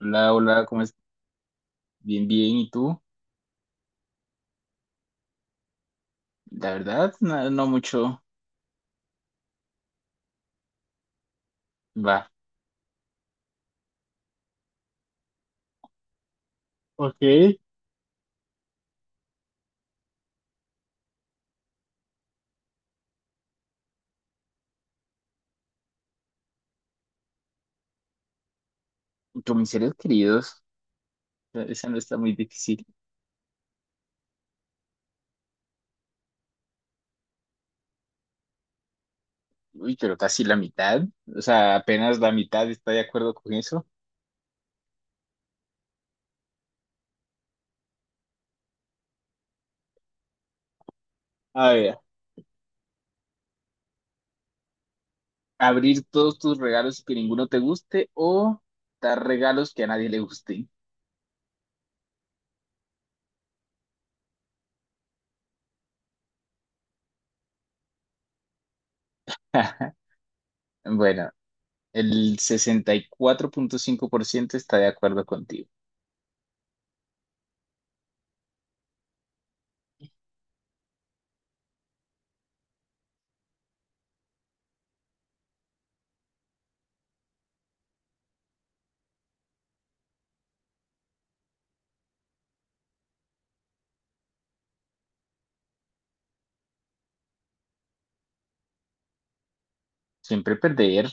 Hola, hola, ¿cómo estás? Bien, bien, ¿y tú? La verdad, no, no mucho. Va. Ok. Con mis seres queridos. Esa no está muy difícil. Uy, pero casi la mitad, o sea, apenas la mitad está de acuerdo con eso. A ver, abrir todos tus regalos y que ninguno te guste o dar regalos que a nadie le gusten. Bueno, el 64,5% está de acuerdo contigo. Siempre perder.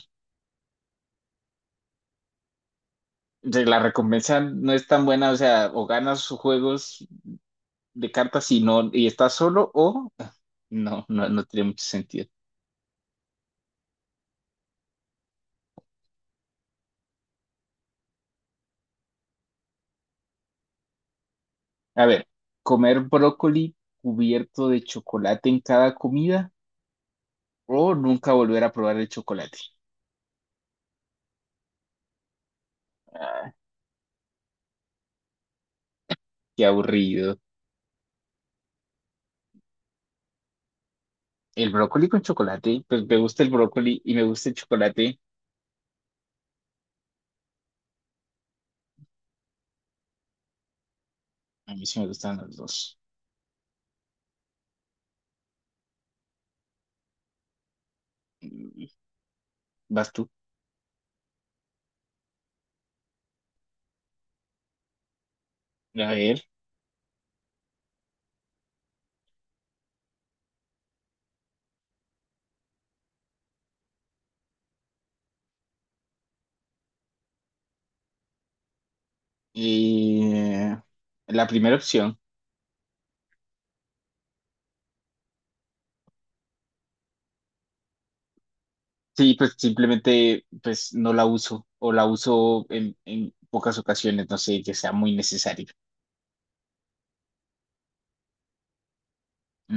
De La recompensa no es tan buena, o sea, o ganas juegos de cartas y no, y estás solo o no, no, no tiene mucho sentido. A ver, comer brócoli cubierto de chocolate en cada comida o nunca volver a probar el chocolate. Ah, qué aburrido. El brócoli con chocolate, pues me gusta el brócoli y me gusta el chocolate. A mí sí me gustan los dos. Mm, Vas tú. A ver. eh, la primera opción. Sí, pues simplemente pues no la uso o la uso en pocas ocasiones, no sé, que sea muy necesario.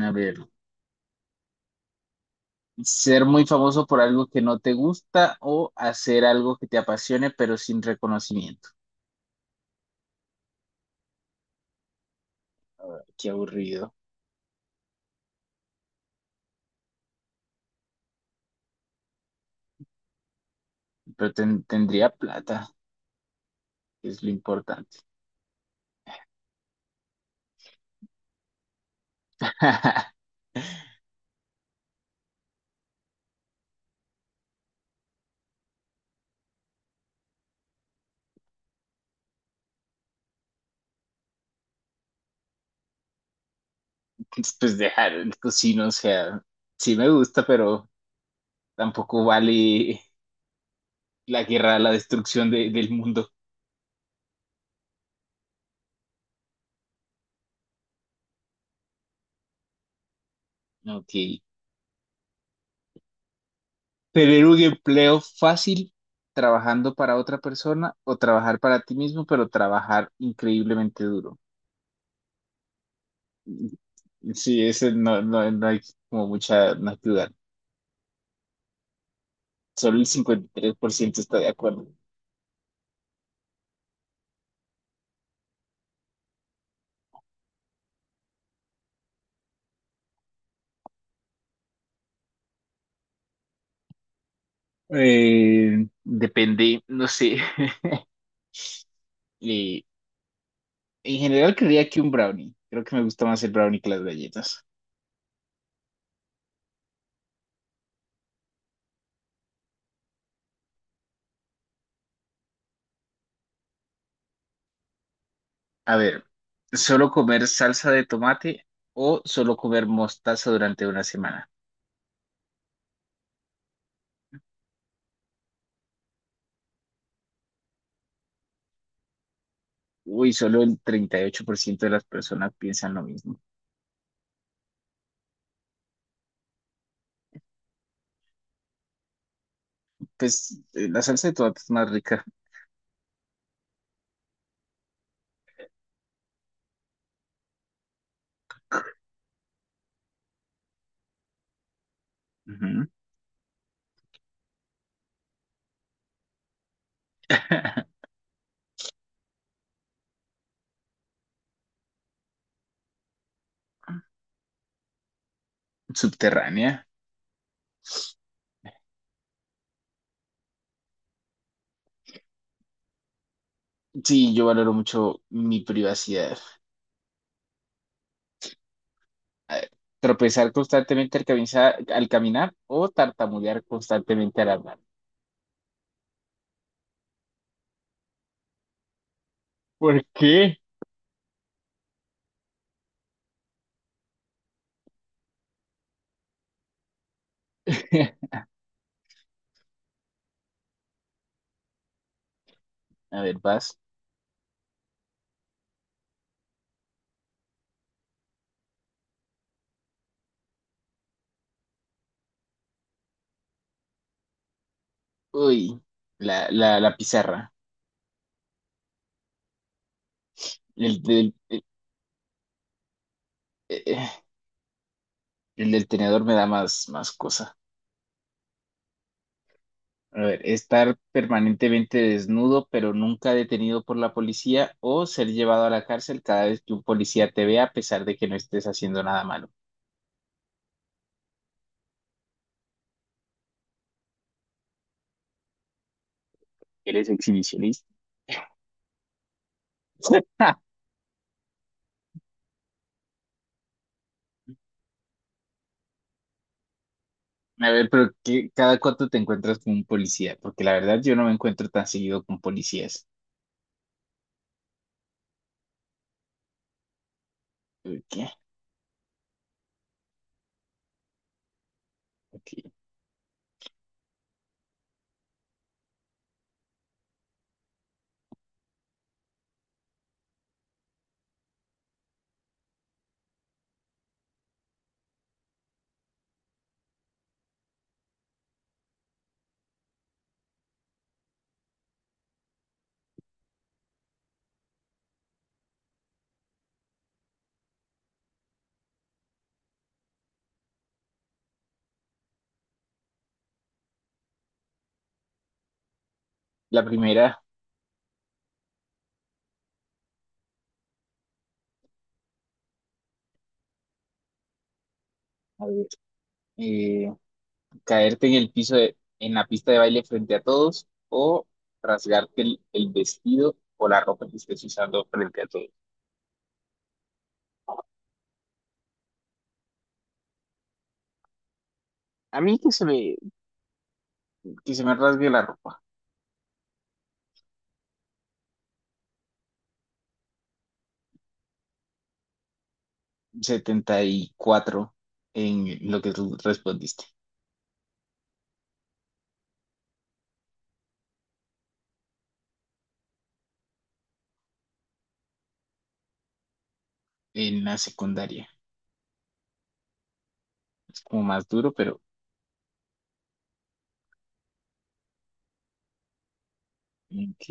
A ver, ser muy famoso por algo que no te gusta o hacer algo que te apasione pero sin reconocimiento. Qué aburrido, pero tendría plata, que es lo importante. Pues dejar el cocino, o sea, sí me gusta, pero tampoco vale la guerra, la destrucción del mundo. Ok. Tener un empleo fácil trabajando para otra persona o trabajar para ti mismo, pero trabajar increíblemente duro. Sí, ese no, no, no hay como mucha no hay que dudar. Solo el 53% está de acuerdo. Depende, no sé. Eh, en general creía que un brownie. Creo que me gusta más el brownie que las galletas. A ver, ¿solo comer salsa de tomate o solo comer mostaza durante una semana? Uy, solo el 38% de las personas piensan lo mismo. Pues la salsa de tomate es más rica. Ujú. Subterránea. Sí, yo valoro mucho mi privacidad. A ver, tropezar constantemente al caminar o tartamudear constantemente al hablar. ¿Por qué? A ver, vas. Uy, la pizarra. El del, eh, eh, el del tenedor me da más cosa. A ver, estar permanentemente desnudo pero nunca detenido por la policía o ser llevado a la cárcel cada vez que un policía te vea a pesar de que no estés haciendo nada malo. ¿Eres exhibicionista? A ver, pero ¿cada cuánto te encuentras con un policía? Porque la verdad yo no me encuentro tan seguido con policías. ¿Qué? Ok. La primera. A ver, eh, caerte en el en la pista de baile frente a todos o rasgarte el vestido o la ropa que estés usando frente a todos. A mí que se me, Que se me rasgue la ropa. 74 en lo que tú respondiste. En la secundaria. Es como más duro, pero ok.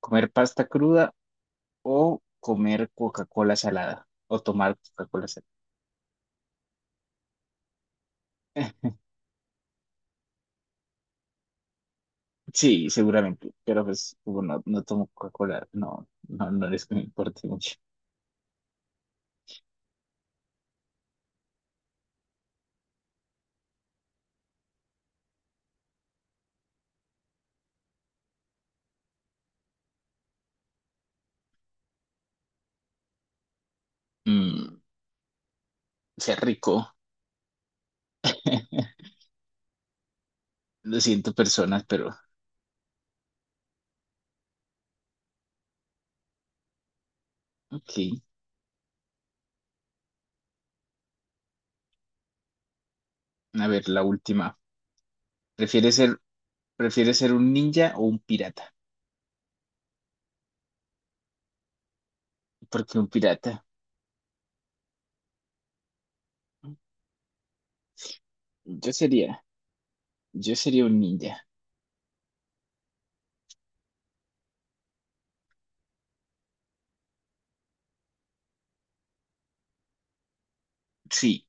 Comer pasta cruda o comer Coca-Cola salada o tomar Coca-Cola salada. Eh, sí, seguramente, pero pues como no, no tomo Coca-Cola, no, no, no es que me importe mucho. Mm, Sea rico. Lo siento, personas, pero ok. A ver, la última. ¿Prefieres ser, prefieres ser un ninja o un pirata? Porque un pirata. Yo sería, yo sería un ninja. Sí,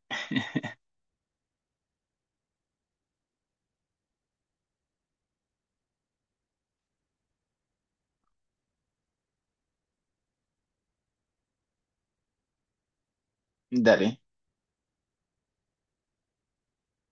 dale.